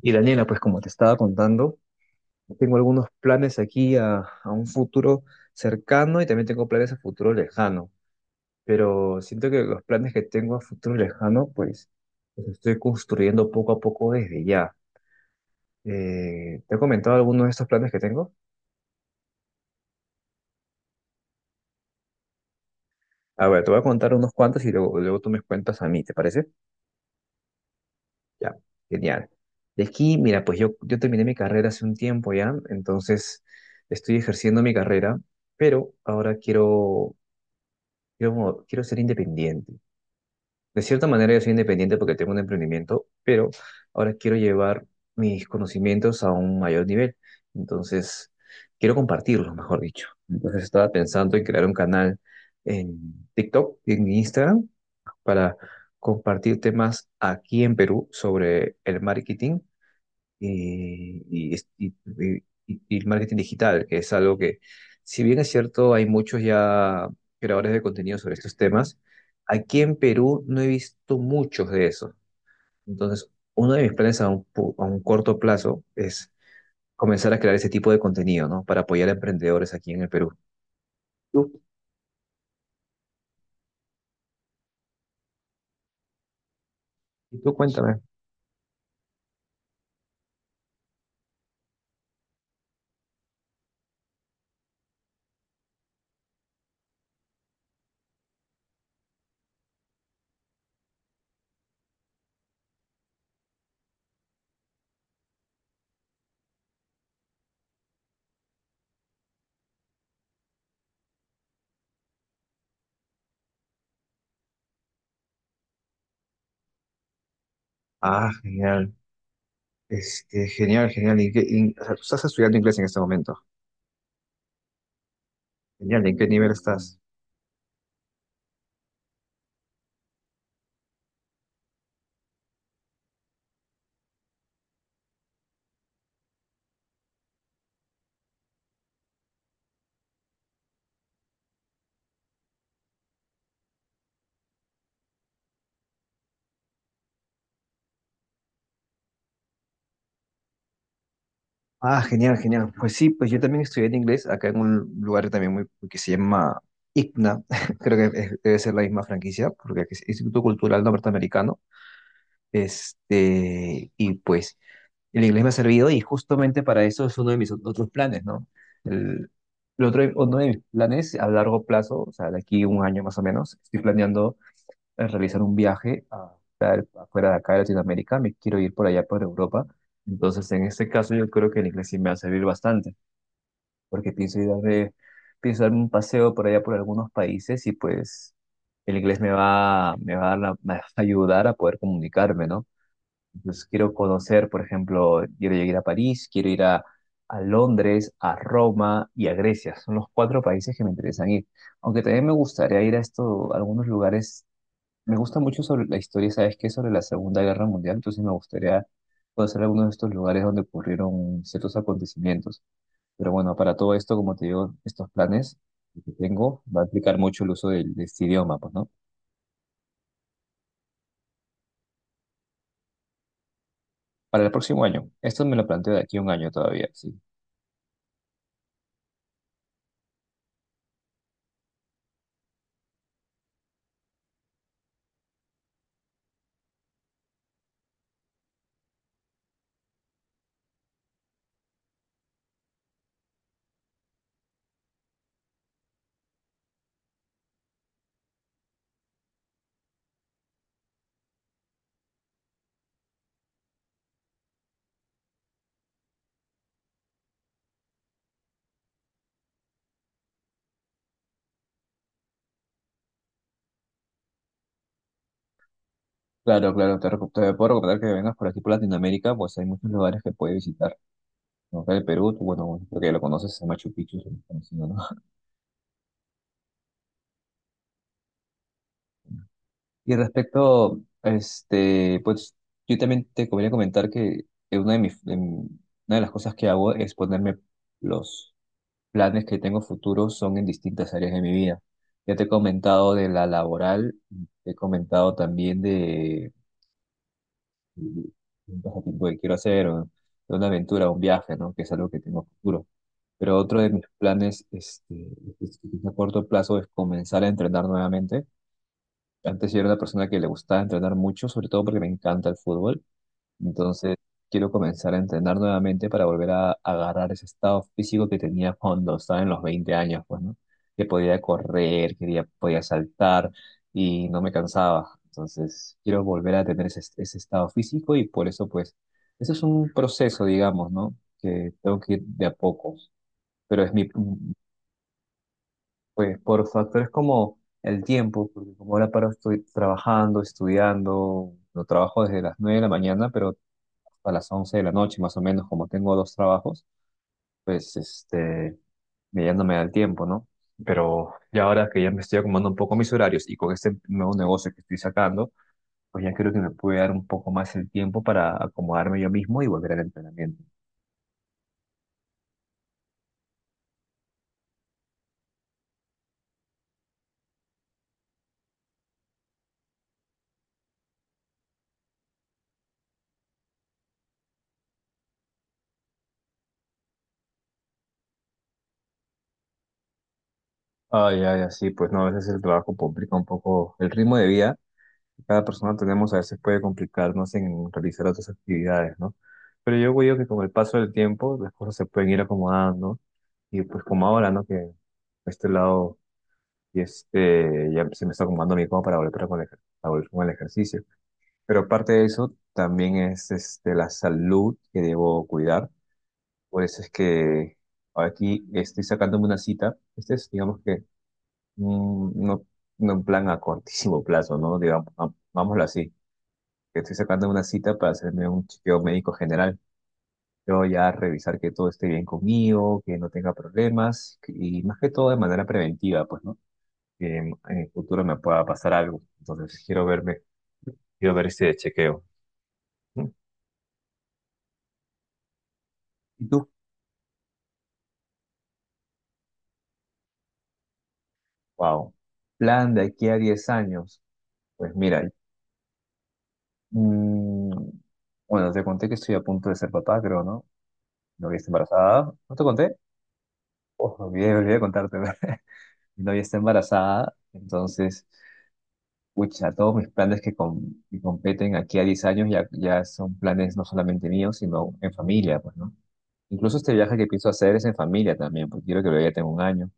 Y Daniela, pues como te estaba contando, tengo algunos planes aquí a un futuro cercano, y también tengo planes a futuro lejano, pero siento que los planes que tengo a futuro lejano, pues los estoy construyendo poco a poco desde ya. ¿ ¿Te he comentado algunos de estos planes que tengo? A ver, te voy a contar unos cuantos y luego tú me cuentas a mí, ¿te parece? Ya, genial. De aquí, mira, pues yo terminé mi carrera hace un tiempo ya, entonces estoy ejerciendo mi carrera, pero ahora quiero. Yo como, quiero ser independiente. De cierta manera yo soy independiente porque tengo un emprendimiento, pero ahora quiero llevar mis conocimientos a un mayor nivel. Entonces, quiero compartirlos, mejor dicho. Entonces estaba pensando en crear un canal en TikTok, en Instagram, para compartir temas aquí en Perú sobre el marketing y, y el marketing digital, que es algo que, si bien es cierto, hay muchos ya creadores de contenido sobre estos temas, aquí en Perú no he visto muchos de esos. Entonces, uno de mis planes a a un corto plazo es comenzar a crear ese tipo de contenido, ¿no? Para apoyar a emprendedores aquí en el Perú. Tú, y tú cuéntame. Ah, genial. Genial, genial. ¿Y o sea, tú estás estudiando inglés en este momento? Genial. ¿En qué nivel estás? Ah, genial, genial. Pues sí, pues yo también estudié en inglés acá en un lugar también muy que se llama ICNA, creo que debe ser la misma franquicia, porque es Instituto Cultural Norteamericano. Y pues el inglés me ha servido, y justamente para eso es uno de mis otros planes, ¿no? El, el otro, uno de mis planes a largo plazo, o sea, de aquí un año más o menos, estoy planeando, realizar un viaje fuera de acá de Latinoamérica. Me quiero ir por allá por Europa. Entonces, en este caso, yo creo que el inglés sí me va a servir bastante, porque pienso darme un paseo por allá por algunos países, y pues el inglés me va a, me va a ayudar a poder comunicarme, ¿no? Entonces quiero conocer, por ejemplo, quiero ir a París, quiero ir a Londres, a Roma y a Grecia. Son los cuatro países que me interesan ir. Aunque también me gustaría ir a algunos lugares. Me gusta mucho sobre la historia, ¿sabes qué? Sobre la Segunda Guerra Mundial, entonces me gustaría conocer algunos de estos lugares donde ocurrieron ciertos acontecimientos. Pero bueno, para todo esto, como te digo, estos planes que tengo va a implicar mucho el uso de este idioma, pues, ¿no? Para el próximo año. Esto me lo planteo de aquí a un año todavía, sí. Claro, claro, te puedo recomendar que vengas por aquí por Latinoamérica, pues hay muchos lugares que puedes visitar, ¿no? Acá el Perú, tú, bueno, creo que ya lo conoces, es Machu Picchu, es muy conocido, ¿no? Y respecto, pues yo también te convenía comentar que una de una de las cosas que hago es ponerme los planes que tengo futuros son en distintas áreas de mi vida. Ya te he comentado de la laboral, te he comentado también de un pasatiempo que quiero hacer, o de una aventura, un viaje, ¿no? Que es algo que tengo futuro. Pero otro de mis planes es a corto plazo es comenzar a entrenar nuevamente. Antes yo era una persona que le gustaba entrenar mucho, sobre todo porque me encanta el fútbol. Entonces, quiero comenzar a entrenar nuevamente para agarrar ese estado físico que tenía cuando estaba en los 20 años, pues, ¿no? Que podía correr, quería, podía saltar y no me cansaba. Entonces, quiero volver a tener ese estado físico, y por eso, pues, eso es un proceso, digamos, ¿no? Que tengo que ir de a poco. Pero es mi, pues, por factores como el tiempo, porque como ahora paro estoy trabajando, estudiando, lo trabajo desde las 9 de la mañana, pero a las 11 de la noche, más o menos, como tengo dos trabajos, pues ya no me da el tiempo, ¿no? Pero ya ahora que ya me estoy acomodando un poco mis horarios, y con este nuevo negocio que estoy sacando, pues ya creo que me puede dar un poco más el tiempo para acomodarme yo mismo y volver al entrenamiento. Ay, ay, así, pues no, a veces el trabajo complica un poco el ritmo de vida. Cada persona tenemos a veces puede complicarnos en realizar otras actividades, ¿no? Pero yo creo que con el paso del tiempo las cosas se pueden ir acomodando, y pues como ahora, ¿no? Que a este lado y este ya se me está acomodando mi cama para volver con para volver con el ejercicio. Pero aparte de eso, también es este, la salud que debo cuidar. Por eso es que aquí estoy sacándome una cita. Este es, digamos que, mm, no, no en plan a cortísimo plazo, ¿no? Digamos, vámoslo así, que estoy sacando una cita para hacerme un chequeo médico general. Yo ya revisar que todo esté bien conmigo, que no tenga problemas y más que todo de manera preventiva, pues, ¿no? Que en el futuro me pueda pasar algo. Entonces quiero verme, quiero ver este chequeo. ¿Mm? ¿Y tú? Wow. Plan de aquí a 10 años. Pues mira, mm, bueno, te conté que estoy a punto de ser papá, creo, ¿no? Mi novia está embarazada. ¿No te conté? Oh, me olvidé de contarte. Mi novia está embarazada, entonces pucha, todos mis planes que competen aquí a 10 años ya, ya son planes no solamente míos, sino en familia, pues, ¿no? Incluso este viaje que pienso hacer es en familia también, porque quiero que lo ya tengo un año.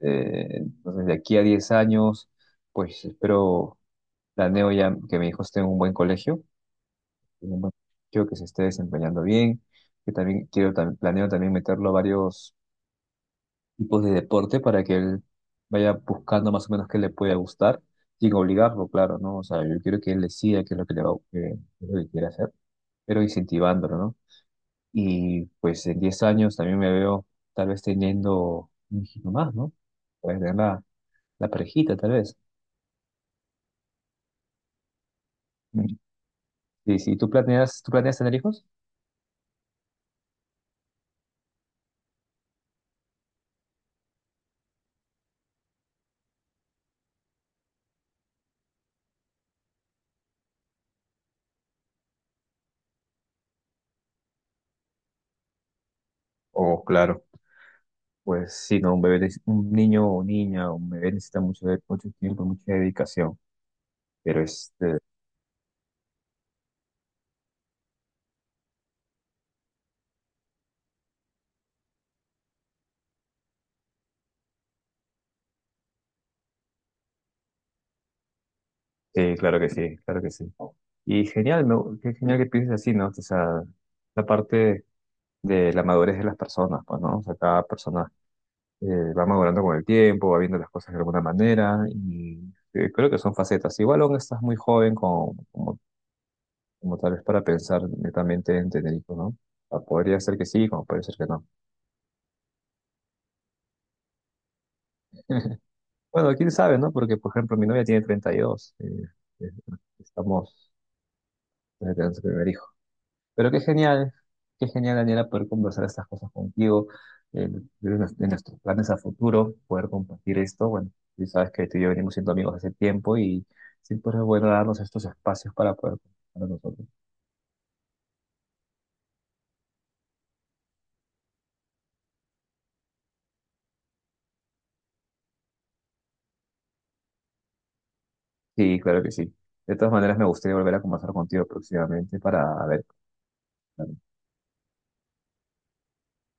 Entonces, de aquí a 10 años, pues espero, planeo ya que mi hijo esté en un buen colegio, en un buen colegio, que se esté desempeñando bien, que también planeo también meterlo a varios tipos de deporte, para que él vaya buscando más o menos qué le puede gustar, sin obligarlo, claro, ¿no? O sea, yo quiero que él decida qué es lo que le va, qué es lo que quiere hacer, pero incentivándolo, ¿no? Y pues en 10 años también me veo tal vez teniendo un hijito más, ¿no? Puedes tener la parejita, tal vez. Mm. Y si tú planeas, ¿tú planeas tener hijos? Oh, claro. Pues sí, no, un bebé, un niño o niña, un bebé necesita mucho, mucho tiempo, mucha dedicación. Pero este, sí, claro que sí, claro que sí. Y genial, me qué genial que pienses así, ¿no? O sea, la parte de la madurez de las personas, pues, ¿no? O sea, cada persona eh, va madurando con el tiempo, va viendo las cosas de alguna manera y creo que son facetas. Igual aún estás muy joven como, como, como tal vez para pensar netamente en tener hijos, ¿no? O sea, podría ser que sí, como puede ser que no. Bueno, quién sabe, ¿no? Porque, por ejemplo, mi novia tiene 32, eh, estamos... Tenemos el primer hijo. Pero qué genial, Daniela, poder conversar estas cosas contigo, eh, de nuestros planes a futuro, poder compartir esto. Bueno, tú sabes que tú y yo venimos siendo amigos hace tiempo, y siempre es bueno darnos estos espacios para poder conversar nosotros. Sí, claro que sí. De todas maneras, me gustaría volver a conversar contigo próximamente para ver.